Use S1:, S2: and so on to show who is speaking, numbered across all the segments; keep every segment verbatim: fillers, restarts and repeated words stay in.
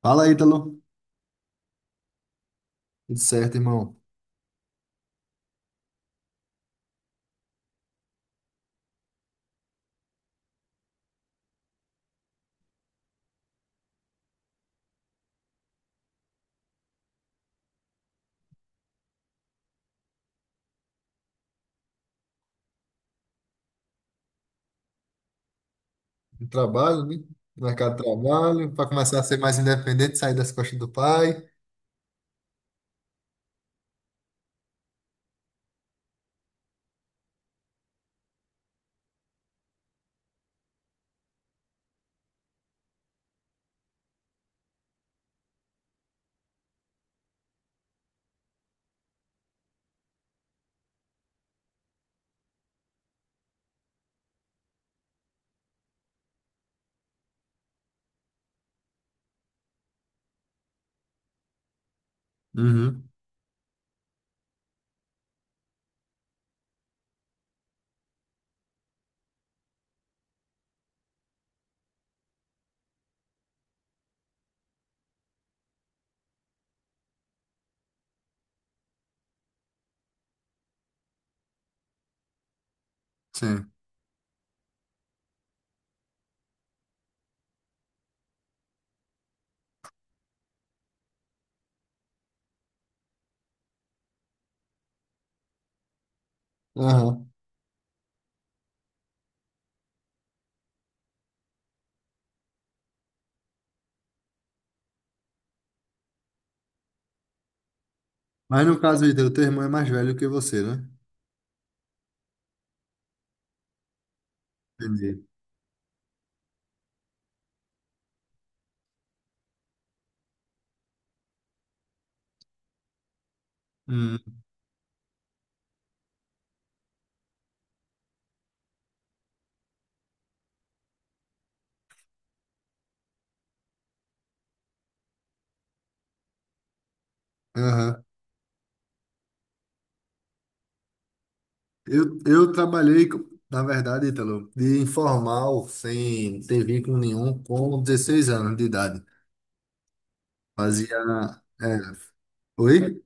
S1: Fala, Ítalo. Tudo certo, irmão? No trabalho, né? No mercado de trabalho, para começar a ser mais independente, sair das costas do pai. Uhum. Sim. Aham. Mas no caso, Ítalo, teu irmão é mais velho que você, né? Entendi. Hum. Aham. Eu, eu trabalhei, co- na verdade, Ítalo, de informal, sem ter vínculo nenhum, com dezesseis anos de idade. Fazia. É. Oi?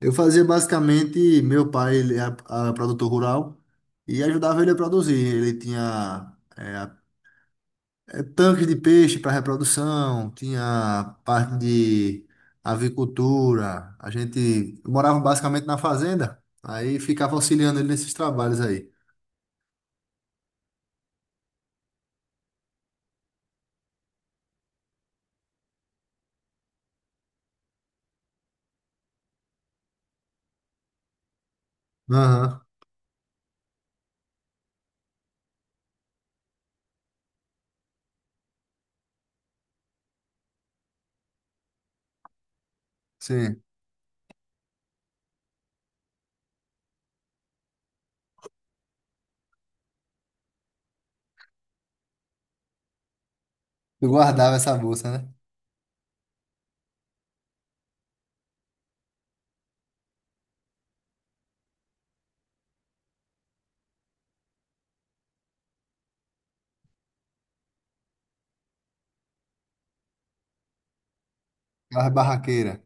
S1: Eu fazia basicamente, meu pai, ele é a- a produtor rural e ajudava ele a produzir. Ele tinha é, a- é, tanques de peixe para reprodução, tinha parte de avicultura. A gente morava basicamente na fazenda, aí ficava auxiliando ele nesses trabalhos aí. Aham. Sim. Eu guardava essa bolsa, né? Barra barraqueira,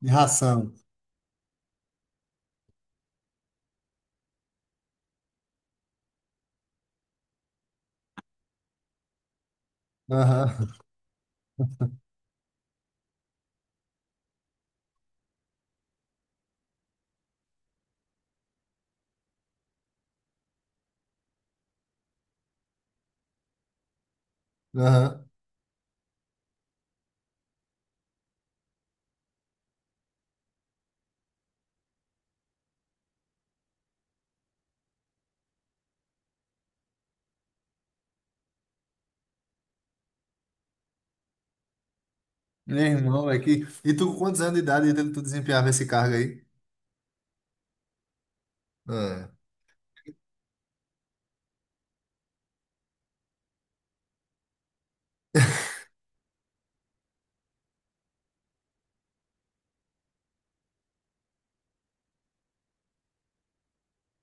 S1: de ração. Aham, aham. Meu irmão, é que... E tu, com quantos anos de idade tu desempenhava esse cargo aí? É.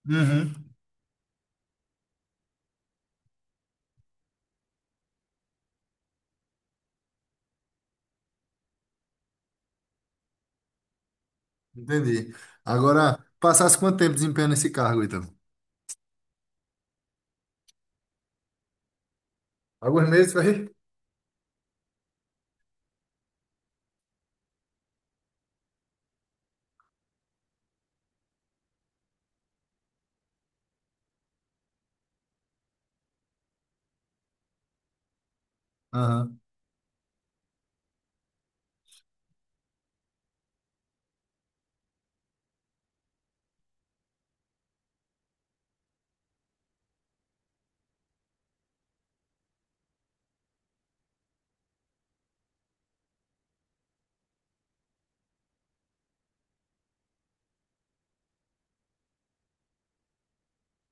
S1: Uhum. Entendi. Agora, passasse quanto tempo desempenhando esse cargo, então? Alguns meses, vai? Aham.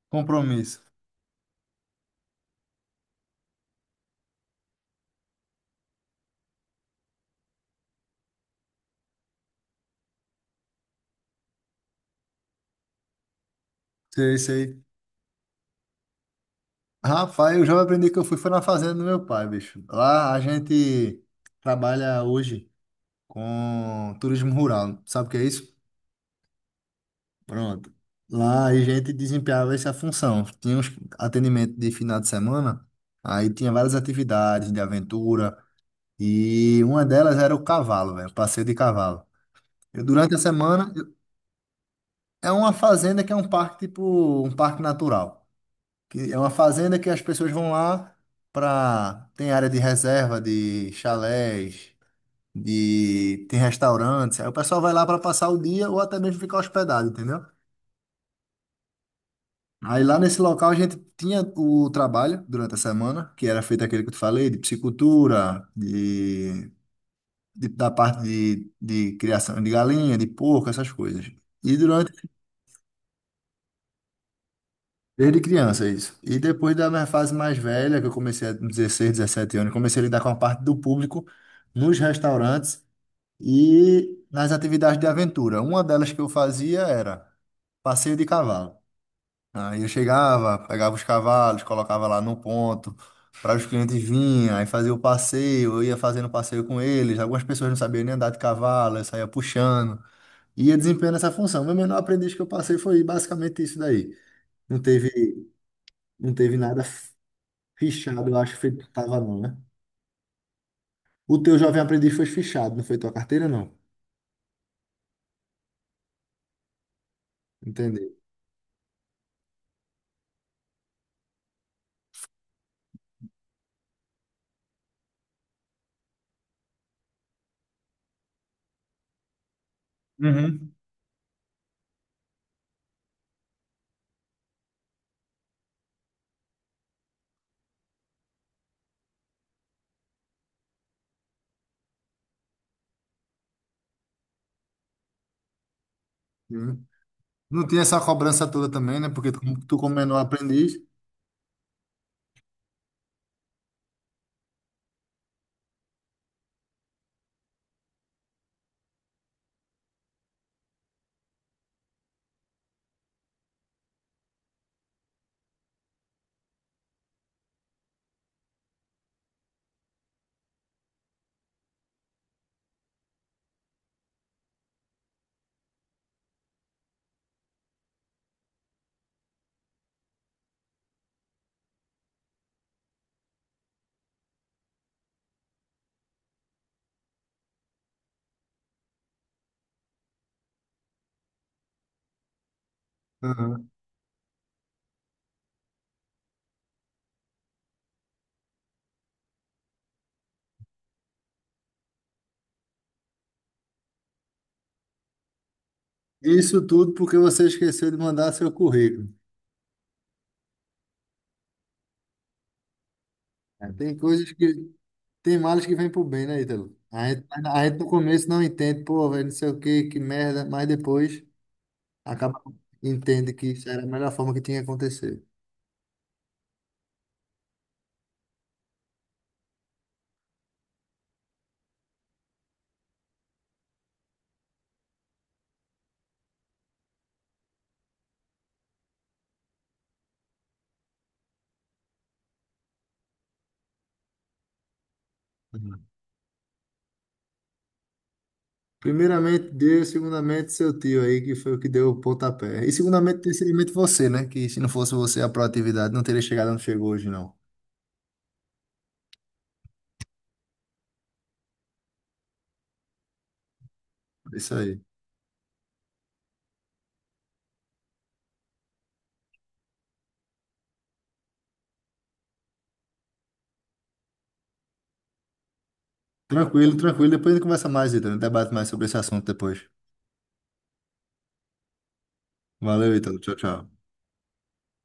S1: Compromisso. Sei, sei. Rapaz, eu já aprendi que eu fui foi na fazenda do meu pai, bicho. Lá a gente trabalha hoje com turismo rural. Sabe o que é isso? Pronto. Lá a gente desempenhava essa função. Tinha uns atendimento de final de semana, aí tinha várias atividades de aventura e uma delas era o cavalo, velho, passeio de cavalo. Eu, durante a semana é uma fazenda que é um parque, tipo um parque natural, que é uma fazenda que as pessoas vão lá para tem área de reserva, de chalés, de tem restaurantes. Aí o pessoal vai lá para passar o dia ou até mesmo ficar hospedado, entendeu? Aí lá nesse local a gente tinha o trabalho durante a semana, que era feito aquele que eu te falei, de piscicultura, de, de- da parte de, de criação de galinha, de porco, essas coisas. E durante desde criança, isso. E depois da minha fase mais velha, que eu comecei com dezesseis, dezessete anos, comecei a lidar com a parte do público nos restaurantes e nas atividades de aventura. Uma delas que eu fazia era passeio de cavalo. Aí eu chegava, pegava os cavalos, colocava lá no ponto para os clientes virem, aí fazia o passeio, eu ia fazendo passeio com eles. Algumas pessoas não sabiam nem andar de cavalo, eu saía puxando e ia desempenhando essa função. Meu menor aprendiz que eu passei foi basicamente isso daí. Não teve, não teve nada fichado, eu acho que foi, tava não, né? O teu jovem aprendiz foi fichado, não foi tua carteira, não. Entendeu? Uhum. Uhum. Não tinha essa cobrança toda também, né? Porque tu, como tu como menor aprendiz, uhum, isso tudo porque você esqueceu de mandar seu currículo. É, tem coisas que, tem males que vêm pro bem, né, Ítalo? A gente, a gente no começo não entende, pô, velho, não sei o que, que merda, mas depois acaba, entende que isso era a melhor forma que tinha que acontecer. Primeiramente Deus, segundamente seu tio aí, que foi o que deu o pontapé. E segundamente, terceiramente você, né? Que se não fosse você, a proatividade não teria chegado onde chegou hoje, não. É isso aí. Tranquilo, tranquilo. Depois a gente conversa mais, Ítalo. A gente debate mais sobre esse assunto depois. Valeu, Ítalo. Tchau, tchau.